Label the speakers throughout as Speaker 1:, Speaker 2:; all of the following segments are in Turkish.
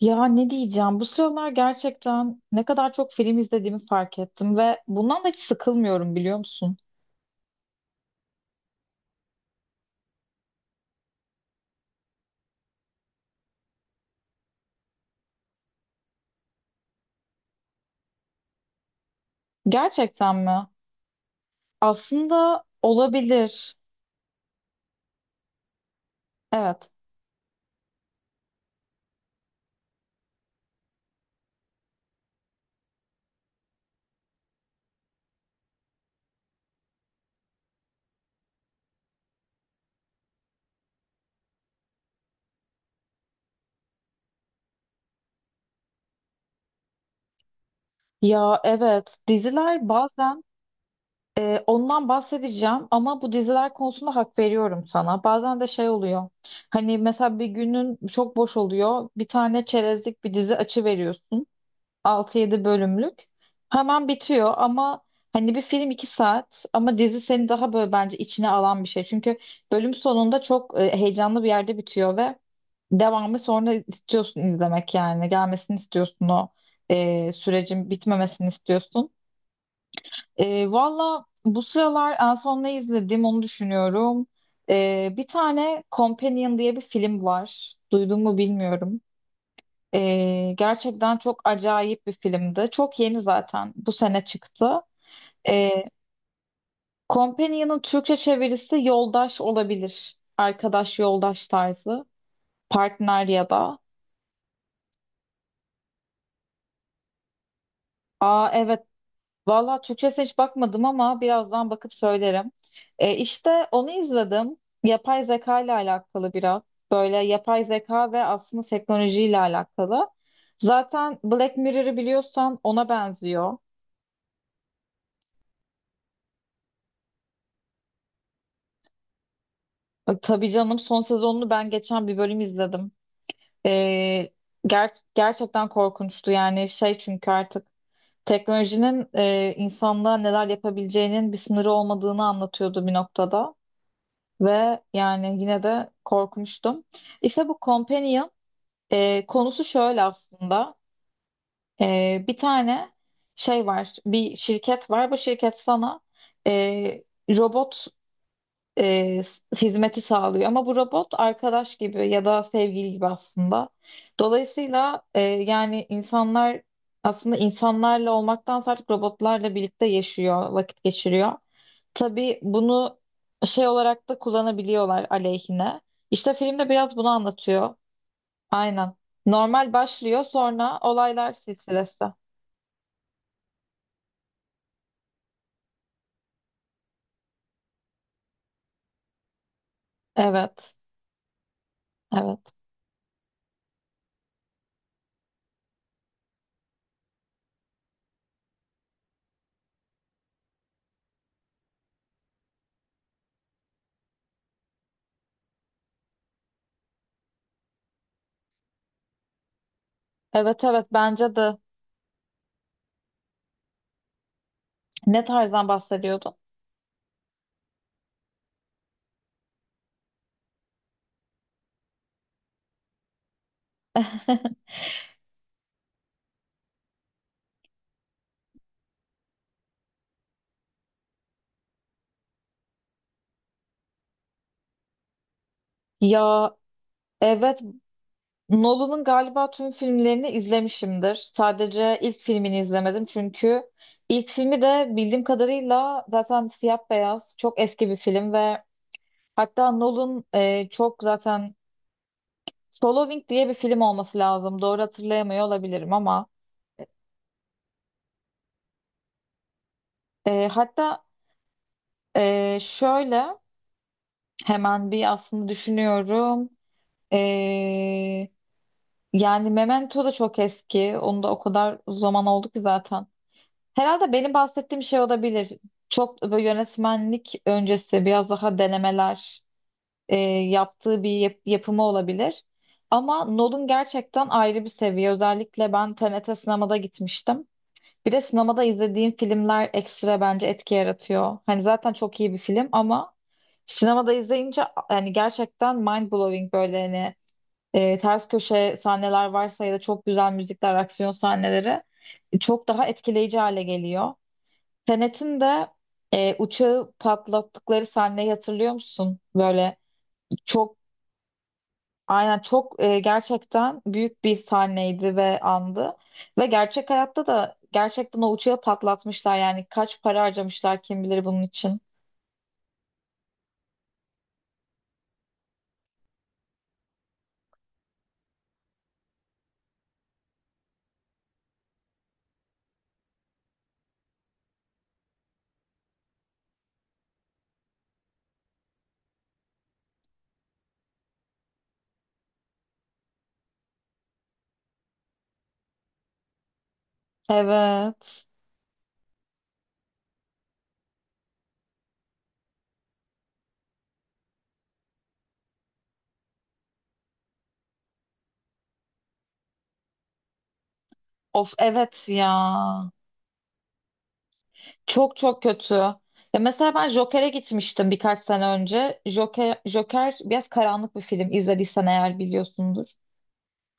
Speaker 1: Ya ne diyeceğim? Bu sıralar gerçekten ne kadar çok film izlediğimi fark ettim ve bundan da hiç sıkılmıyorum biliyor musun? Gerçekten mi? Aslında olabilir. Evet. Ya evet. Diziler bazen ondan bahsedeceğim ama bu diziler konusunda hak veriyorum sana. Bazen de şey oluyor. Hani mesela bir günün çok boş oluyor. Bir tane çerezlik bir dizi açı veriyorsun. Altı yedi bölümlük. Hemen bitiyor ama hani bir film 2 saat ama dizi seni daha böyle bence içine alan bir şey. Çünkü bölüm sonunda çok heyecanlı bir yerde bitiyor ve devamı sonra istiyorsun izlemek yani. Gelmesini istiyorsun, o sürecin bitmemesini istiyorsun. Valla bu sıralar en son ne izledim onu düşünüyorum. Bir tane Companion diye bir film var. Duydun mu bilmiyorum. Gerçekten çok acayip bir filmdi. Çok yeni zaten. Bu sene çıktı. Ee, Companion'ın Türkçe çevirisi yoldaş olabilir. Arkadaş yoldaş tarzı. Partner ya da. Aa, evet. Valla Türkçesine hiç bakmadım ama birazdan bakıp söylerim. İşte onu izledim. Yapay zeka ile alakalı biraz. Böyle yapay zeka ve aslında teknolojiyle alakalı. Zaten Black Mirror'ı biliyorsan ona benziyor. Tabii canım, son sezonunu ben geçen bir bölüm izledim. E, Gerçekten korkunçtu yani, şey çünkü artık teknolojinin insanlığa neler yapabileceğinin bir sınırı olmadığını anlatıyordu bir noktada. Ve yani yine de korkmuştum. İşte bu Companion konusu şöyle aslında. Bir tane şey var, bir şirket var, bu şirket sana e, robot hizmeti sağlıyor. Ama bu robot arkadaş gibi ya da sevgili gibi aslında. Dolayısıyla yani insanlar aslında insanlarla olmaktansa artık robotlarla birlikte yaşıyor, vakit geçiriyor. Tabii bunu şey olarak da kullanabiliyorlar aleyhine. İşte filmde biraz bunu anlatıyor. Aynen. Normal başlıyor, sonra olaylar silsilesi. Evet, evet. Evet, evet bence de. Ne tarzdan bahsediyordun? Ya evet, Nolan'ın galiba tüm filmlerini izlemişimdir. Sadece ilk filmini izlemedim çünkü ilk filmi de bildiğim kadarıyla zaten siyah beyaz çok eski bir film ve hatta Nolan çok zaten Following diye bir film olması lazım. Doğru hatırlayamıyor olabilirim ama hatta şöyle hemen bir aslında düşünüyorum. E, Yani Memento da çok eski. Onu da o kadar zaman oldu ki zaten. Herhalde benim bahsettiğim şey olabilir. Çok böyle yönetmenlik öncesi biraz daha denemeler yaptığı bir yapımı olabilir. Ama Nolan gerçekten ayrı bir seviye. Özellikle ben TNT sinemada gitmiştim. Bir de sinemada izlediğim filmler ekstra bence etki yaratıyor. Hani zaten çok iyi bir film ama sinemada izleyince yani gerçekten mind blowing, böyle hani ters köşe sahneler varsa ya da çok güzel müzikler, aksiyon sahneleri çok daha etkileyici hale geliyor. Senet'in de uçağı patlattıkları sahneyi hatırlıyor musun? Böyle çok aynen çok gerçekten büyük bir sahneydi ve andı. Ve gerçek hayatta da gerçekten o uçağı patlatmışlar. Yani kaç para harcamışlar kim bilir bunun için. Evet. Of, evet ya. Çok çok kötü. Ya mesela ben Joker'e gitmiştim birkaç sene önce. Joker, Joker biraz karanlık bir film. İzlediysen eğer biliyorsundur.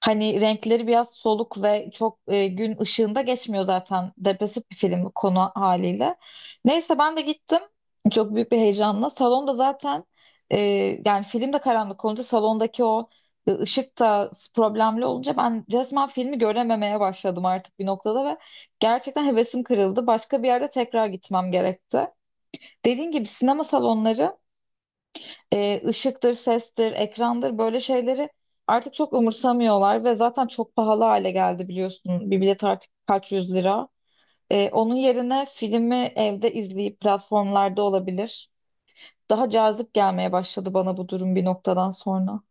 Speaker 1: Hani renkleri biraz soluk ve çok gün ışığında geçmiyor zaten. Depresif bir film bu konu haliyle. Neyse ben de gittim. Çok büyük bir heyecanla. Salonda zaten e, yani film de karanlık olunca salondaki o ışık da problemli olunca ben resmen filmi görememeye başladım artık bir noktada ve gerçekten hevesim kırıldı. Başka bir yerde tekrar gitmem gerekti. Dediğin gibi sinema salonları ışıktır, sestir, ekrandır, böyle şeyleri artık çok umursamıyorlar ve zaten çok pahalı hale geldi biliyorsun. Bir bilet artık kaç yüz lira. Onun yerine filmi evde izleyip platformlarda olabilir. Daha cazip gelmeye başladı bana bu durum bir noktadan sonra.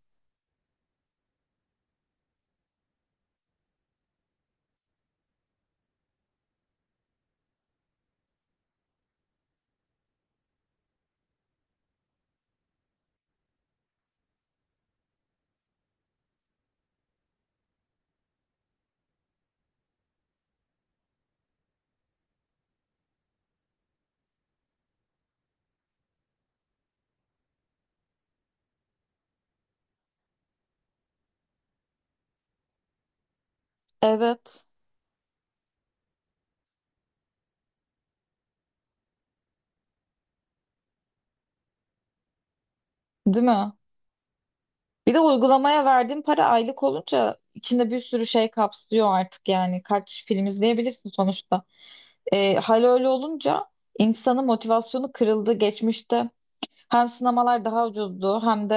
Speaker 1: Evet. Değil mi? Bir de uygulamaya verdiğin para aylık olunca içinde bir sürü şey kapsıyor artık yani. Kaç film izleyebilirsin sonuçta. Hal öyle olunca insanın motivasyonu kırıldı geçmişte. Hem sinemalar daha ucuzdu hem de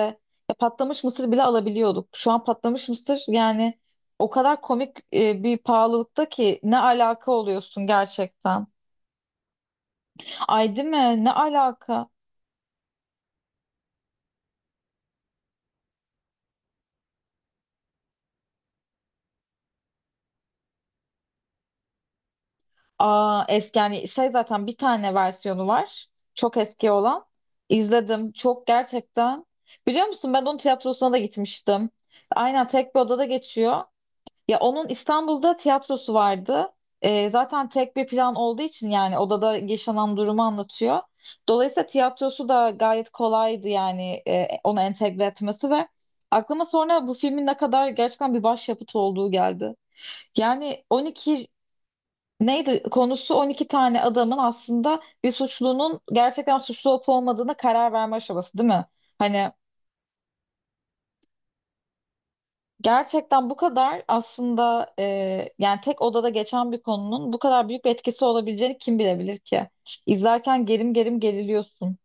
Speaker 1: ya patlamış mısır bile alabiliyorduk. Şu an patlamış mısır yani o kadar komik bir pahalılıkta ki ne alaka oluyorsun gerçekten. Ay, değil mi? Ne alaka? Aa, eski yani şey zaten bir tane versiyonu var. Çok eski olan. İzledim. Çok gerçekten. Biliyor musun ben onun tiyatrosuna da gitmiştim. Aynen, tek bir odada geçiyor. Ya onun İstanbul'da tiyatrosu vardı. Zaten tek bir plan olduğu için yani odada yaşanan durumu anlatıyor. Dolayısıyla tiyatrosu da gayet kolaydı yani onu entegre etmesi ve aklıma sonra bu filmin ne kadar gerçekten bir başyapıt olduğu geldi. Yani 12. Neydi konusu, 12 tane adamın aslında bir suçlunun gerçekten suçlu olup olmadığına karar verme aşaması değil mi? Hani gerçekten bu kadar aslında yani tek odada geçen bir konunun bu kadar büyük bir etkisi olabileceğini kim bilebilir ki? İzlerken gerim gerim geriliyorsun.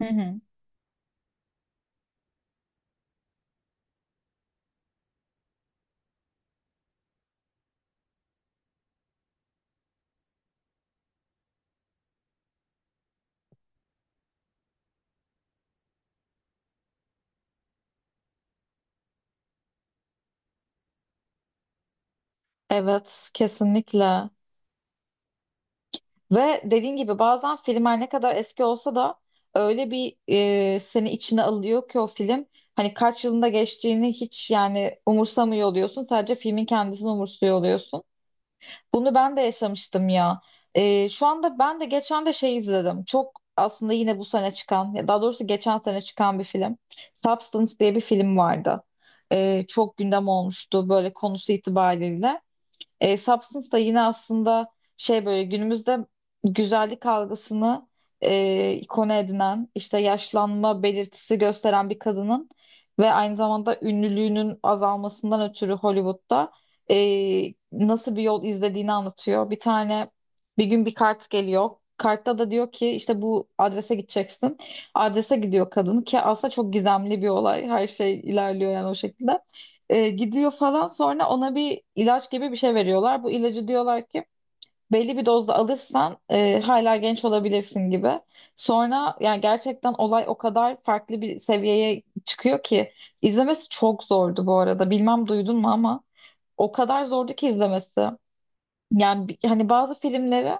Speaker 1: Hı hı. Evet, kesinlikle. Ve dediğin gibi bazen filmler ne kadar eski olsa da öyle bir seni içine alıyor ki o film. Hani kaç yılında geçtiğini hiç yani umursamıyor oluyorsun. Sadece filmin kendisini umursuyor oluyorsun. Bunu ben de yaşamıştım ya. Şu anda ben de geçen de şey izledim. Çok aslında yine bu sene çıkan, ya daha doğrusu geçen sene çıkan bir film. Substance diye bir film vardı. Çok gündem olmuştu böyle konusu itibariyle. Substance da yine aslında şey böyle günümüzde güzellik algısını konu edinen işte yaşlanma belirtisi gösteren bir kadının ve aynı zamanda ünlülüğünün azalmasından ötürü Hollywood'da nasıl bir yol izlediğini anlatıyor. Bir tane bir gün bir kart geliyor. Kartta da diyor ki işte bu adrese gideceksin. Adrese gidiyor kadın ki aslında çok gizemli bir olay. Her şey ilerliyor yani o şekilde. Gidiyor falan, sonra ona bir ilaç gibi bir şey veriyorlar. Bu ilacı diyorlar ki belli bir dozda alırsan hala genç olabilirsin gibi. Sonra yani gerçekten olay o kadar farklı bir seviyeye çıkıyor ki izlemesi çok zordu bu arada. Bilmem duydun mu ama o kadar zordu ki izlemesi. Yani hani bazı filmleri,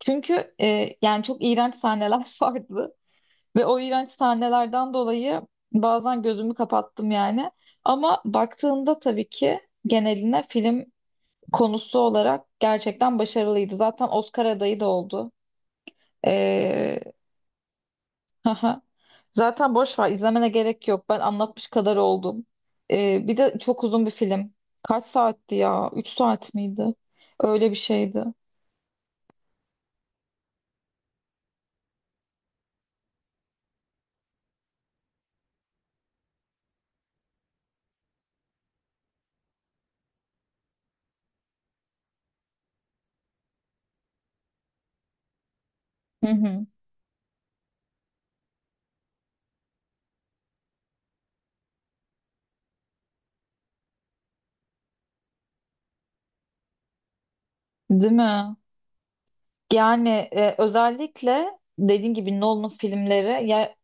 Speaker 1: çünkü yani çok iğrenç sahneler vardı. Ve o iğrenç sahnelerden dolayı bazen gözümü kapattım yani. Ama baktığında tabii ki geneline film konusu olarak gerçekten başarılıydı. Zaten Oscar adayı da oldu. Ee, haha. Zaten boş ver, izlemene gerek yok. Ben anlatmış kadar oldum. Bir de çok uzun bir film. Kaç saatti ya? 3 saat miydi? Öyle bir şeydi. Hı hı. Değil mi? Yani özellikle dediğin gibi Nolan'ın filmleri ya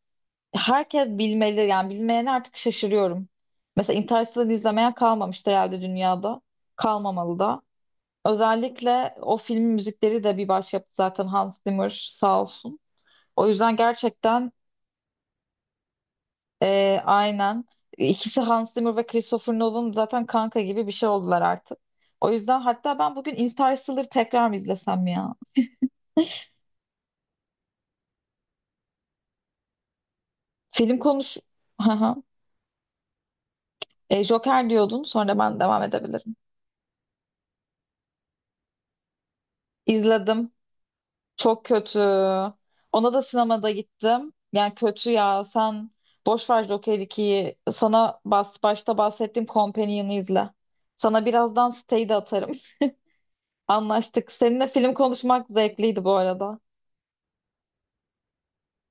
Speaker 1: herkes bilmeli. Yani bilmeyene artık şaşırıyorum. Mesela Interstellar'ı izlemeyen kalmamıştı herhalde dünyada. Kalmamalı da. Özellikle o filmin müzikleri de bir başyapıt, zaten Hans Zimmer sağ olsun. O yüzden gerçekten aynen. İkisi Hans Zimmer ve Christopher Nolan zaten kanka gibi bir şey oldular artık. O yüzden hatta ben bugün Interstellar'ı tekrar mı izlesem ya? Film konuş... Hı hı. Joker diyordun, sonra ben devam edebilirim. İzledim. Çok kötü. Ona da sinemada gittim. Yani kötü ya. Sen boş ver Joker 2'yi. Sana bas, başta bahsettiğim Companion'ı izle. Sana birazdan siteyi de atarım. Anlaştık. Seninle film konuşmak zevkliydi bu arada.